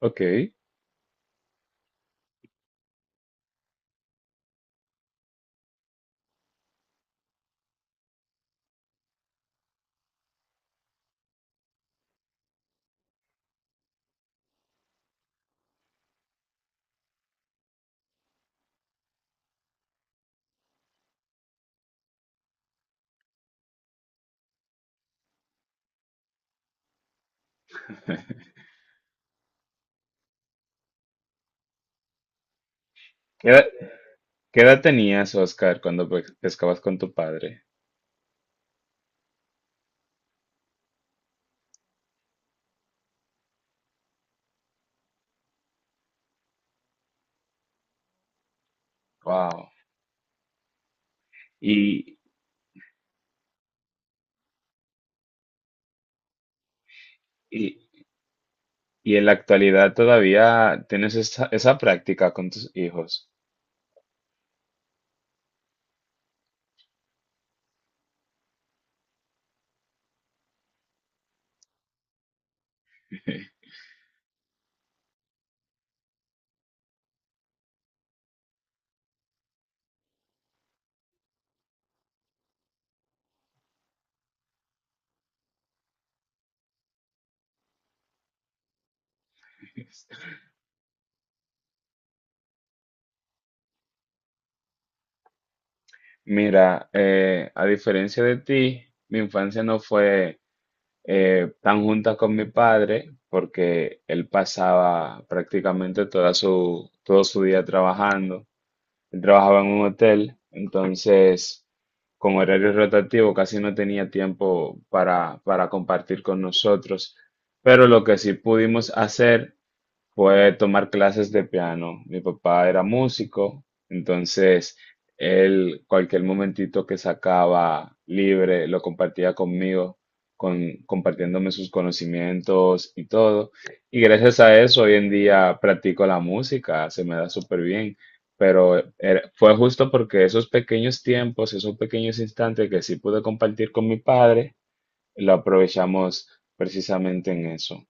Ok. ¿Qué edad, qué edad tenías, Oscar, cuando pescabas con tu padre? Wow. Y, y, y en la actualidad todavía tienes esa, esa práctica con tus hijos. Mira, a diferencia de ti, mi infancia no fue tan junta con mi padre porque él pasaba prácticamente toda su, todo su día trabajando. Él trabajaba en un hotel, entonces con horario rotativo casi no tenía tiempo para compartir con nosotros. Pero lo que sí pudimos hacer fue tomar clases de piano. Mi papá era músico, entonces él cualquier momentito que sacaba libre lo compartía conmigo, con, compartiéndome sus conocimientos y todo. Y gracias a eso hoy en día practico la música, se me da súper bien. Pero fue justo porque esos pequeños tiempos, esos pequeños instantes que sí pude compartir con mi padre, lo aprovechamos precisamente en eso.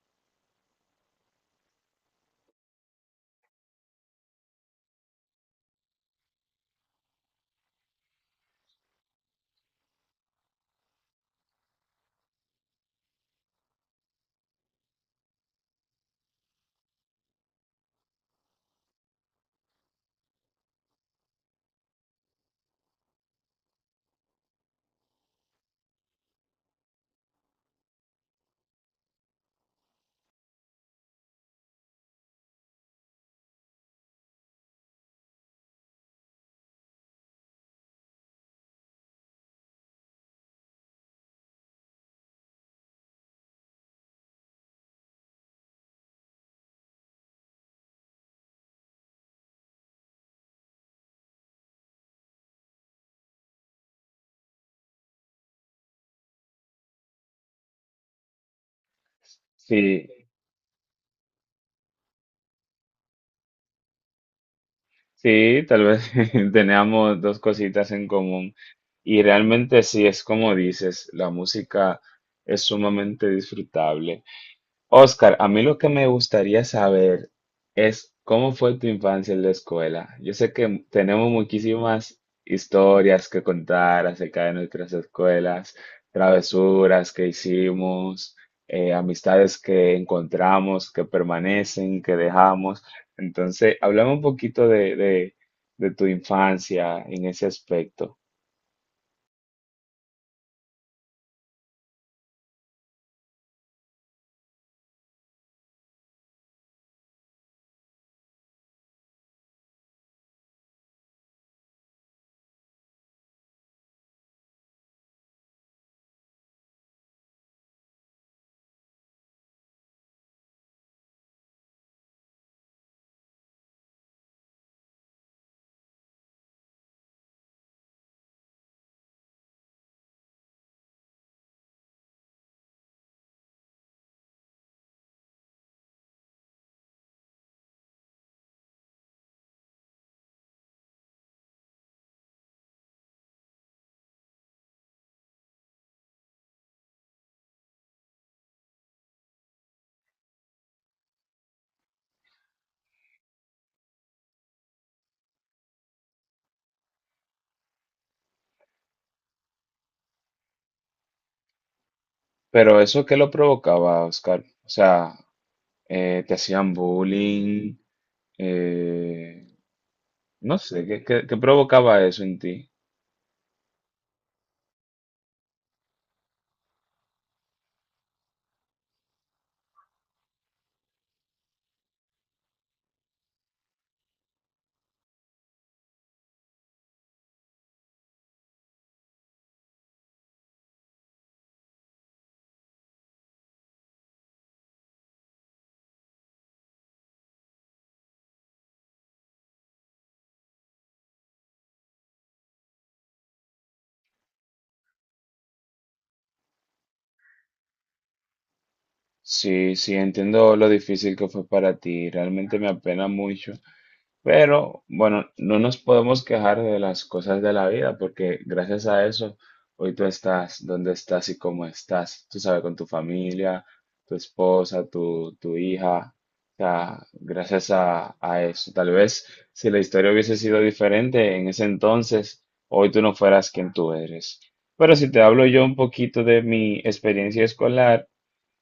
Sí, sí, tal vez teníamos dos cositas en común. Y realmente sí, es como dices, la música es sumamente disfrutable. Oscar, a mí lo que me gustaría saber es cómo fue tu infancia en la escuela. Yo sé que tenemos muchísimas historias que contar acerca de nuestras escuelas, travesuras que hicimos, amistades que encontramos, que permanecen, que dejamos. Entonces, hablame un poquito de tu infancia en ese aspecto. Pero eso, ¿qué lo provocaba, Oscar? O sea, ¿te hacían bullying? Eh, No sé, ¿qué, qué provocaba eso en ti? Sí, sí, entiendo lo difícil que fue para ti, realmente me apena mucho. Pero bueno, no nos podemos quejar de las cosas de la vida porque gracias a eso hoy tú estás donde estás y cómo estás. Tú sabes, con tu familia, tu esposa, tu hija. O sea, gracias a eso. Tal vez si la historia hubiese sido diferente en ese entonces, hoy tú no fueras quien tú eres. Pero si te hablo yo un poquito de mi experiencia escolar,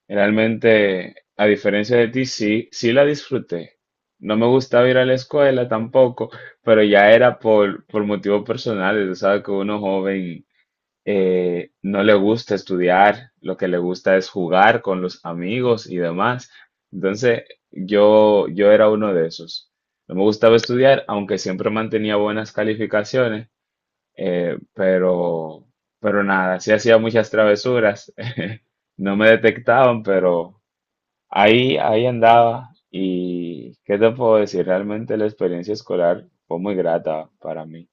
realmente, a diferencia de ti, sí, sí la disfruté. No me gustaba ir a la escuela tampoco, pero ya era por motivos personales. Tú sabes que uno joven no le gusta estudiar, lo que le gusta es jugar con los amigos y demás. Entonces, yo era uno de esos. No me gustaba estudiar, aunque siempre mantenía buenas calificaciones, eh, pero, pero nada, sí hacía muchas travesuras. No me detectaban, pero ahí, ahí andaba y qué te puedo decir, realmente la experiencia escolar fue muy grata para mí.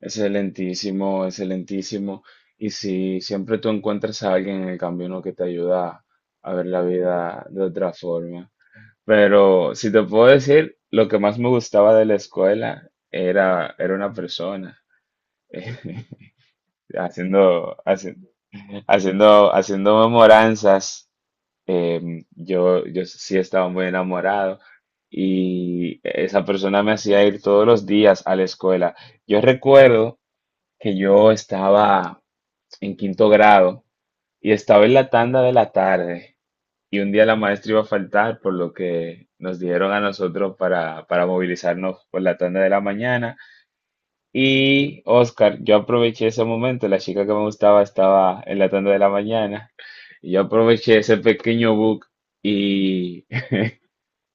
Excelentísimo, excelentísimo. Y si siempre tú encuentras a alguien en el camino que te ayuda a ver la vida de otra forma. Pero si te puedo decir, lo que más me gustaba de la escuela era, era una persona. Haciendo, haci- Haciendo, haciendo memoranzas, yo sí estaba muy enamorado y esa persona me hacía ir todos los días a la escuela. Yo recuerdo que yo estaba en quinto grado y estaba en la tanda de la tarde y un día la maestra iba a faltar, por lo que nos dieron a nosotros para movilizarnos por la tanda de la mañana y Oscar, yo aproveché ese momento, la chica que me gustaba estaba en la tanda de la mañana, y yo aproveché ese pequeño bug y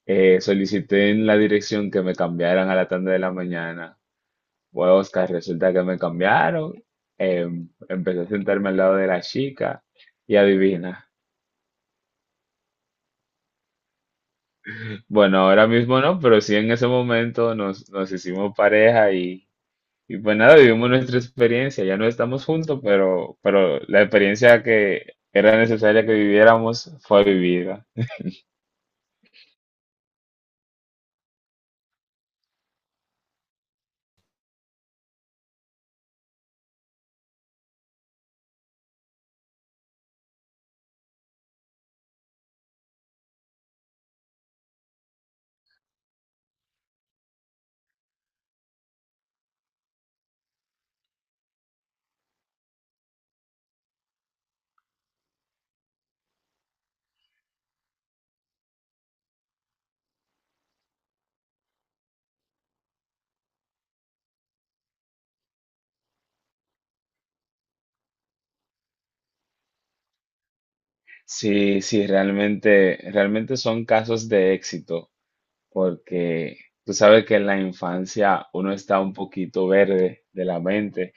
solicité en la dirección que me cambiaran a la tanda de la mañana. Bueno, Oscar, resulta que me cambiaron, empecé a sentarme al lado de la chica y adivina. Bueno, ahora mismo no, pero sí en ese momento nos hicimos pareja y... Y pues nada, vivimos nuestra experiencia, ya no estamos juntos, pero la experiencia que era necesaria que viviéramos fue vivida. Sí, sí, realmente, realmente son casos de éxito, porque tú sabes que en la infancia uno está un poquito verde de la mente.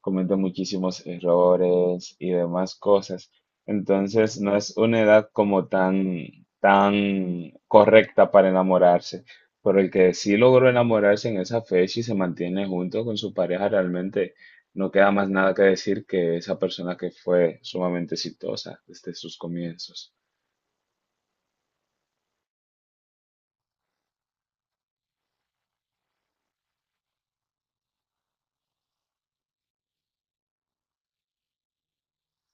Comete muchísimos errores y demás cosas. Entonces, no es una edad como tan, tan correcta para enamorarse. Pero el que sí logró enamorarse en esa fecha y se mantiene junto con su pareja, realmente no queda más nada que decir que esa persona que fue sumamente exitosa desde sus comienzos.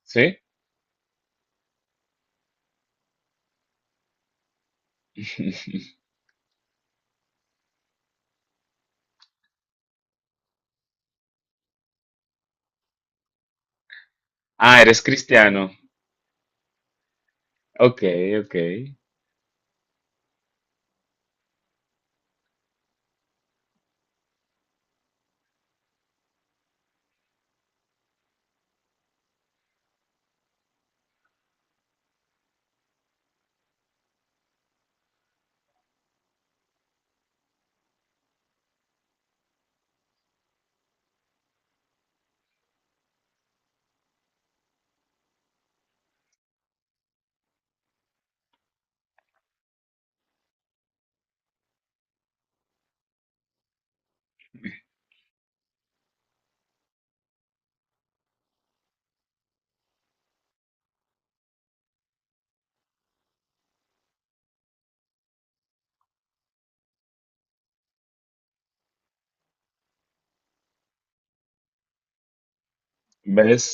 ¿Sí? Ah, eres cristiano. Ok, ok. ¿Ves?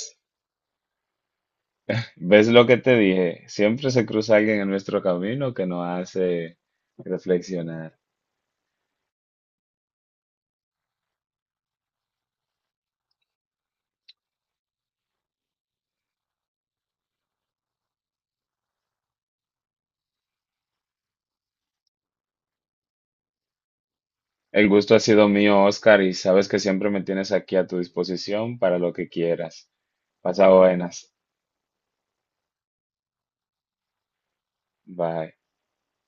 ¿Ves lo que te dije? Siempre se cruza alguien en nuestro camino que nos hace reflexionar. El gusto ha sido mío, Oscar, y sabes que siempre me tienes aquí a tu disposición para lo que quieras. Pasa buenas. Bye.